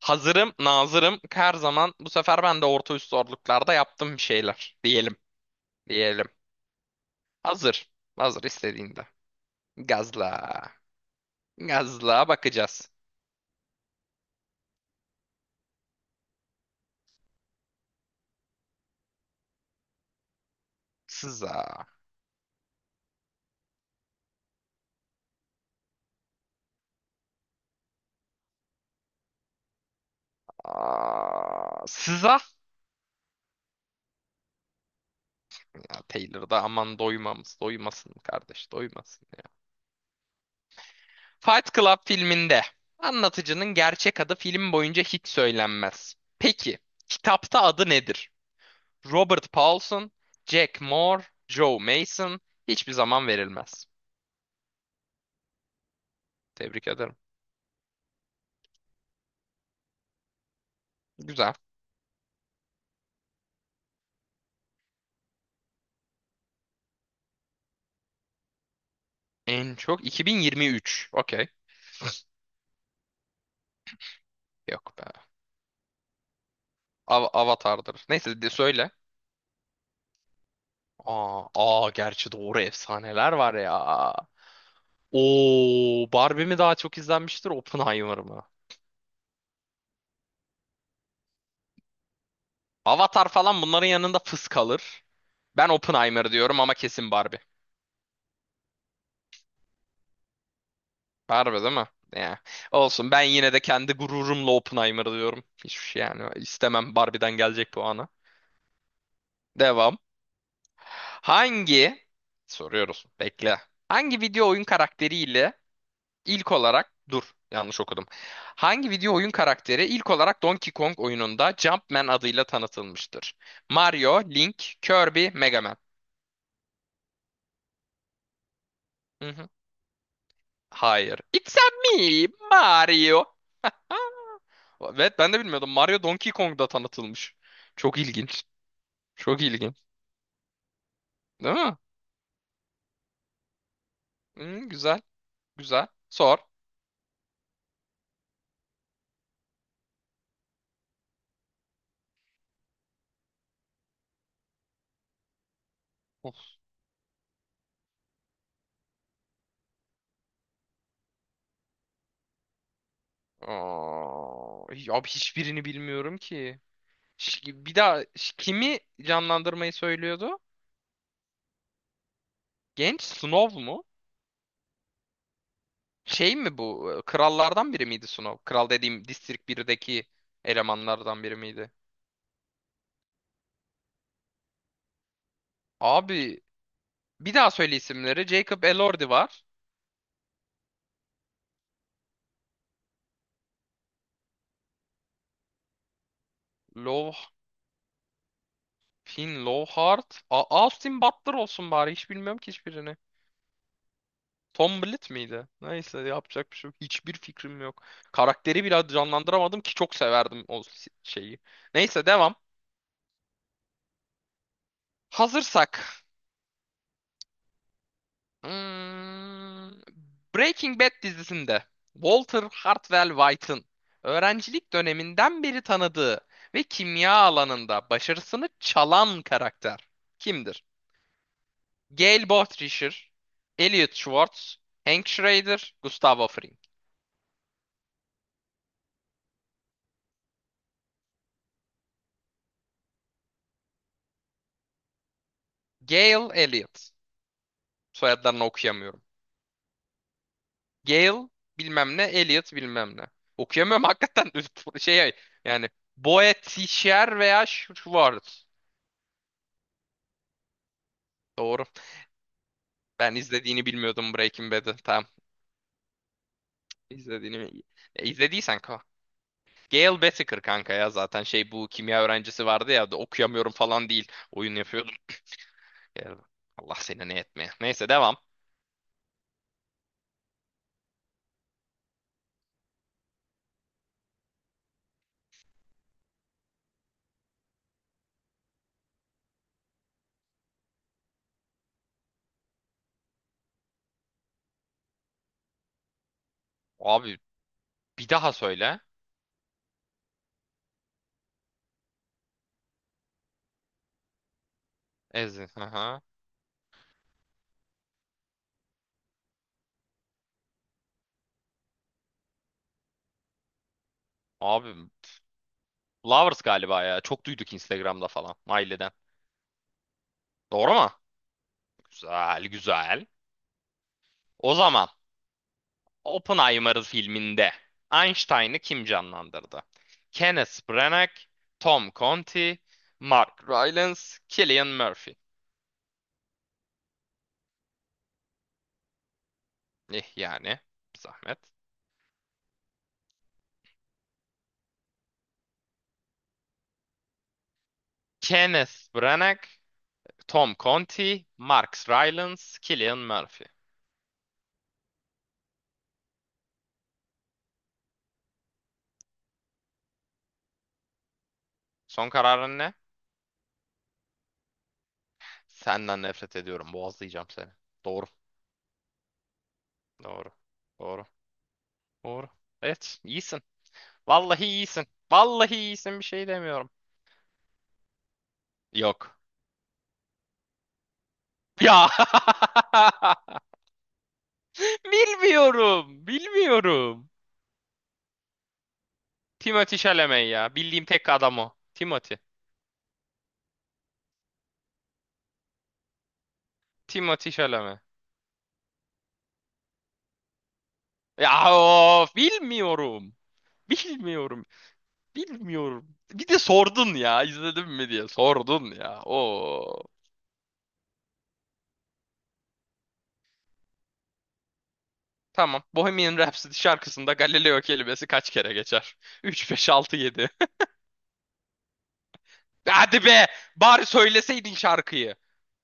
Hazırım, nazırım. Her zaman bu sefer ben de orta üst zorluklarda yaptım bir şeyler. Diyelim. Hazır, hazır istediğinde. Gazla, gazla bakacağız. Sıza. Aa, sıza. Ya Taylor da aman doymasın kardeş, doymasın ya. Fight Club filminde anlatıcının gerçek adı film boyunca hiç söylenmez. Peki, kitapta adı nedir? Robert Paulson, Jack Moore, Joe Mason hiçbir zaman verilmez. Tebrik ederim. Güzel. En çok 2023. Okey. Yok be. Avatar'dır. Neyse de söyle. Aa, gerçi doğru efsaneler var ya. Oo, Barbie mi daha çok izlenmiştir, Oppenheimer mı? Avatar falan bunların yanında fıs kalır. Ben Oppenheimer diyorum ama kesin Barbie. Barbie değil mi? Ya. Olsun ben yine de kendi gururumla Oppenheimer diyorum. Hiç yani istemem Barbie'den gelecek puanı. Devam. Hangi soruyoruz. Bekle. Hangi video oyun karakteriyle ilk olarak dur yanlış okudum. Hangi video oyun karakteri ilk olarak Donkey Kong oyununda Jumpman adıyla tanıtılmıştır? Mario, Link, Kirby, Mega Man. Hı hı. Hayır. It's a me, Mario. Ha? Evet ben de bilmiyordum. Mario Donkey Kong'da tanıtılmış. Çok ilginç. Çok ilginç. Değil mi? Hı, güzel. Güzel. Sor. Of. Aa, abi hiçbirini bilmiyorum ki. Ş- Bir daha kimi canlandırmayı söylüyordu? Genç Snow mu? Şey mi bu? Krallardan biri miydi Snow? Kral dediğim District 1'deki elemanlardan biri miydi? Abi bir daha söyle isimleri. Jacob Elordi var. Low, Finn Lowheart. Austin Butler olsun bari. Hiç bilmiyorum ki hiçbirini. Tom Blyth miydi? Neyse yapacak bir şey yok. Hiçbir fikrim yok. Karakteri bile canlandıramadım ki çok severdim o şeyi. Neyse devam. Hazırsak. Hmm, Breaking Bad dizisinde Walter Hartwell White'ın öğrencilik döneminden beri tanıdığı ve kimya alanında başarısını çalan karakter kimdir? Gail Bothrischer, Elliot Schwartz, Hank Schrader, Gustavo Fring. Gail Elliot. Soyadlarını okuyamıyorum. Gail bilmem ne, Elliot bilmem ne. Okuyamıyorum hakikaten şey yani Boetticher veya Schwartz. Doğru. Ben izlediğini bilmiyordum Breaking Bad'ı. Tamam. İzlediğini... izlediysen ka. Gail Whittaker kanka ya zaten şey bu kimya öğrencisi vardı ya da okuyamıyorum falan değil. Oyun yapıyordum. Gale- Allah seni ne etmeye. Neyse devam. Abi bir daha söyle. Ezin. Aha. Abi Lovers galiba ya. Çok duyduk Instagram'da falan. Aileden. Doğru mu? Güzel güzel. O zaman. Oppenheimer filminde Einstein'ı kim canlandırdı? Kenneth Branagh, Tom Conti, Mark Rylance, Cillian Murphy. Eh yani zahmet. Kenneth Branagh, Tom Conti, Mark Rylance, Cillian Murphy. Son kararın ne? Senden nefret ediyorum. Boğazlayacağım seni. Doğru. Doğru. Doğru. Doğru. Evet, iyisin. Vallahi iyisin. Vallahi iyisin bir şey demiyorum. Yok. Ya. Bilmiyorum. Bilmiyorum. Timothy Chalamet ya. Bildiğim tek adam o. Timothy. Timothy Chalamet. Ya of bilmiyorum. Bilmiyorum. Bilmiyorum. Bir de sordun ya izledim mi diye sordun ya. Oo. Tamam. Bohemian Rhapsody şarkısında Galileo kelimesi kaç kere geçer? 3, 5, 6, 7. Hadi be! Bari söyleseydin şarkıyı.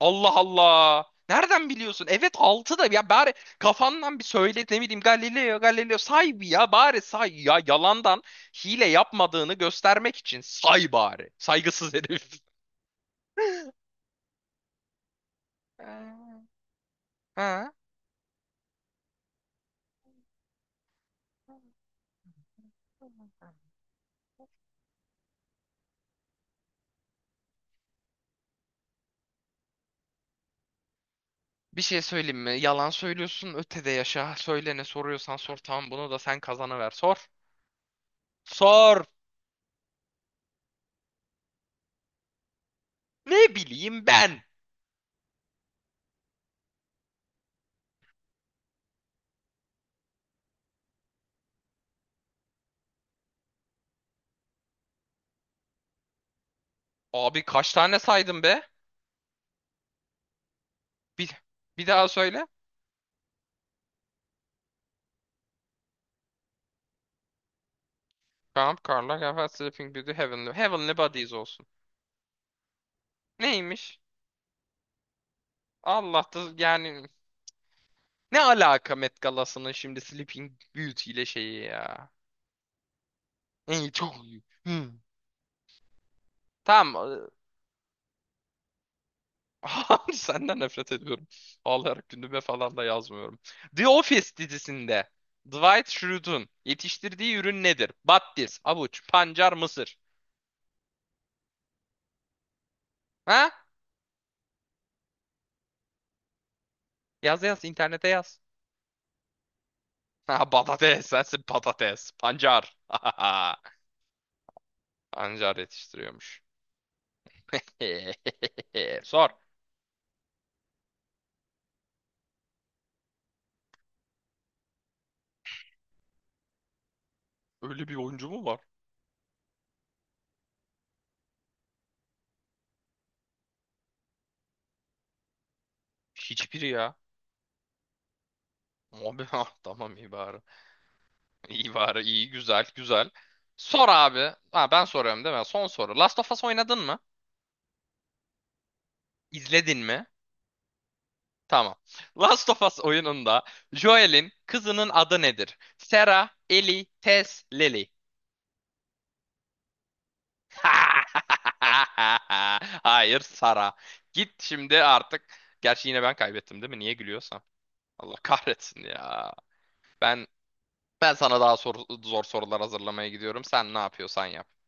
Allah Allah. Nereden biliyorsun? Evet 6 da ya bari kafandan bir söyle ne bileyim Galileo Galileo say bir ya bari say ya yalandan hile yapmadığını göstermek için say bari. Saygısız herif. Ha? Ha. Bir şey söyleyeyim mi? Yalan söylüyorsun ötede yaşa. Söyle ne soruyorsan sor tamam bunu da sen kazanıver sor. Sor. Ne bileyim ben. Abi kaç tane saydım be? Bir, bir daha söyle. Kamp Karlar Gaffer Sleeping Beauty Heavenly. Heavenly Bodies olsun. Neymiş? Allah da yani ne alaka Met Gala'sının şimdi Sleeping Beauty ile şeyi ya. İyi çok iyi. Hmm. Tamam. Senden nefret ediyorum. Ağlayarak gündeme falan da yazmıyorum. The Office dizisinde Dwight Schrute'un yetiştirdiği ürün nedir? Battis, avuç, pancar, mısır. Ha? Yaz yaz internete yaz. Ha, patates sensin patates. Pancar. Pancar yetiştiriyormuş. Sor. Öyle bir oyuncu mu var? Hiçbiri ya. Abi ah, tamam iyi bari. İyi bari iyi güzel güzel. Sor abi. Ha, ben soruyorum değil mi? Son soru. Last of Us oynadın mı? İzledin mi? Tamam. Last of Us oyununda Joel'in kızının adı nedir? Sarah, Ellie, Tess, Lily. Hayır Sara. Git şimdi artık. Gerçi yine ben kaybettim değil mi? Niye gülüyorsam. Allah kahretsin ya. Ben Ben sana daha zor sorular hazırlamaya gidiyorum. Sen ne yapıyorsan yap.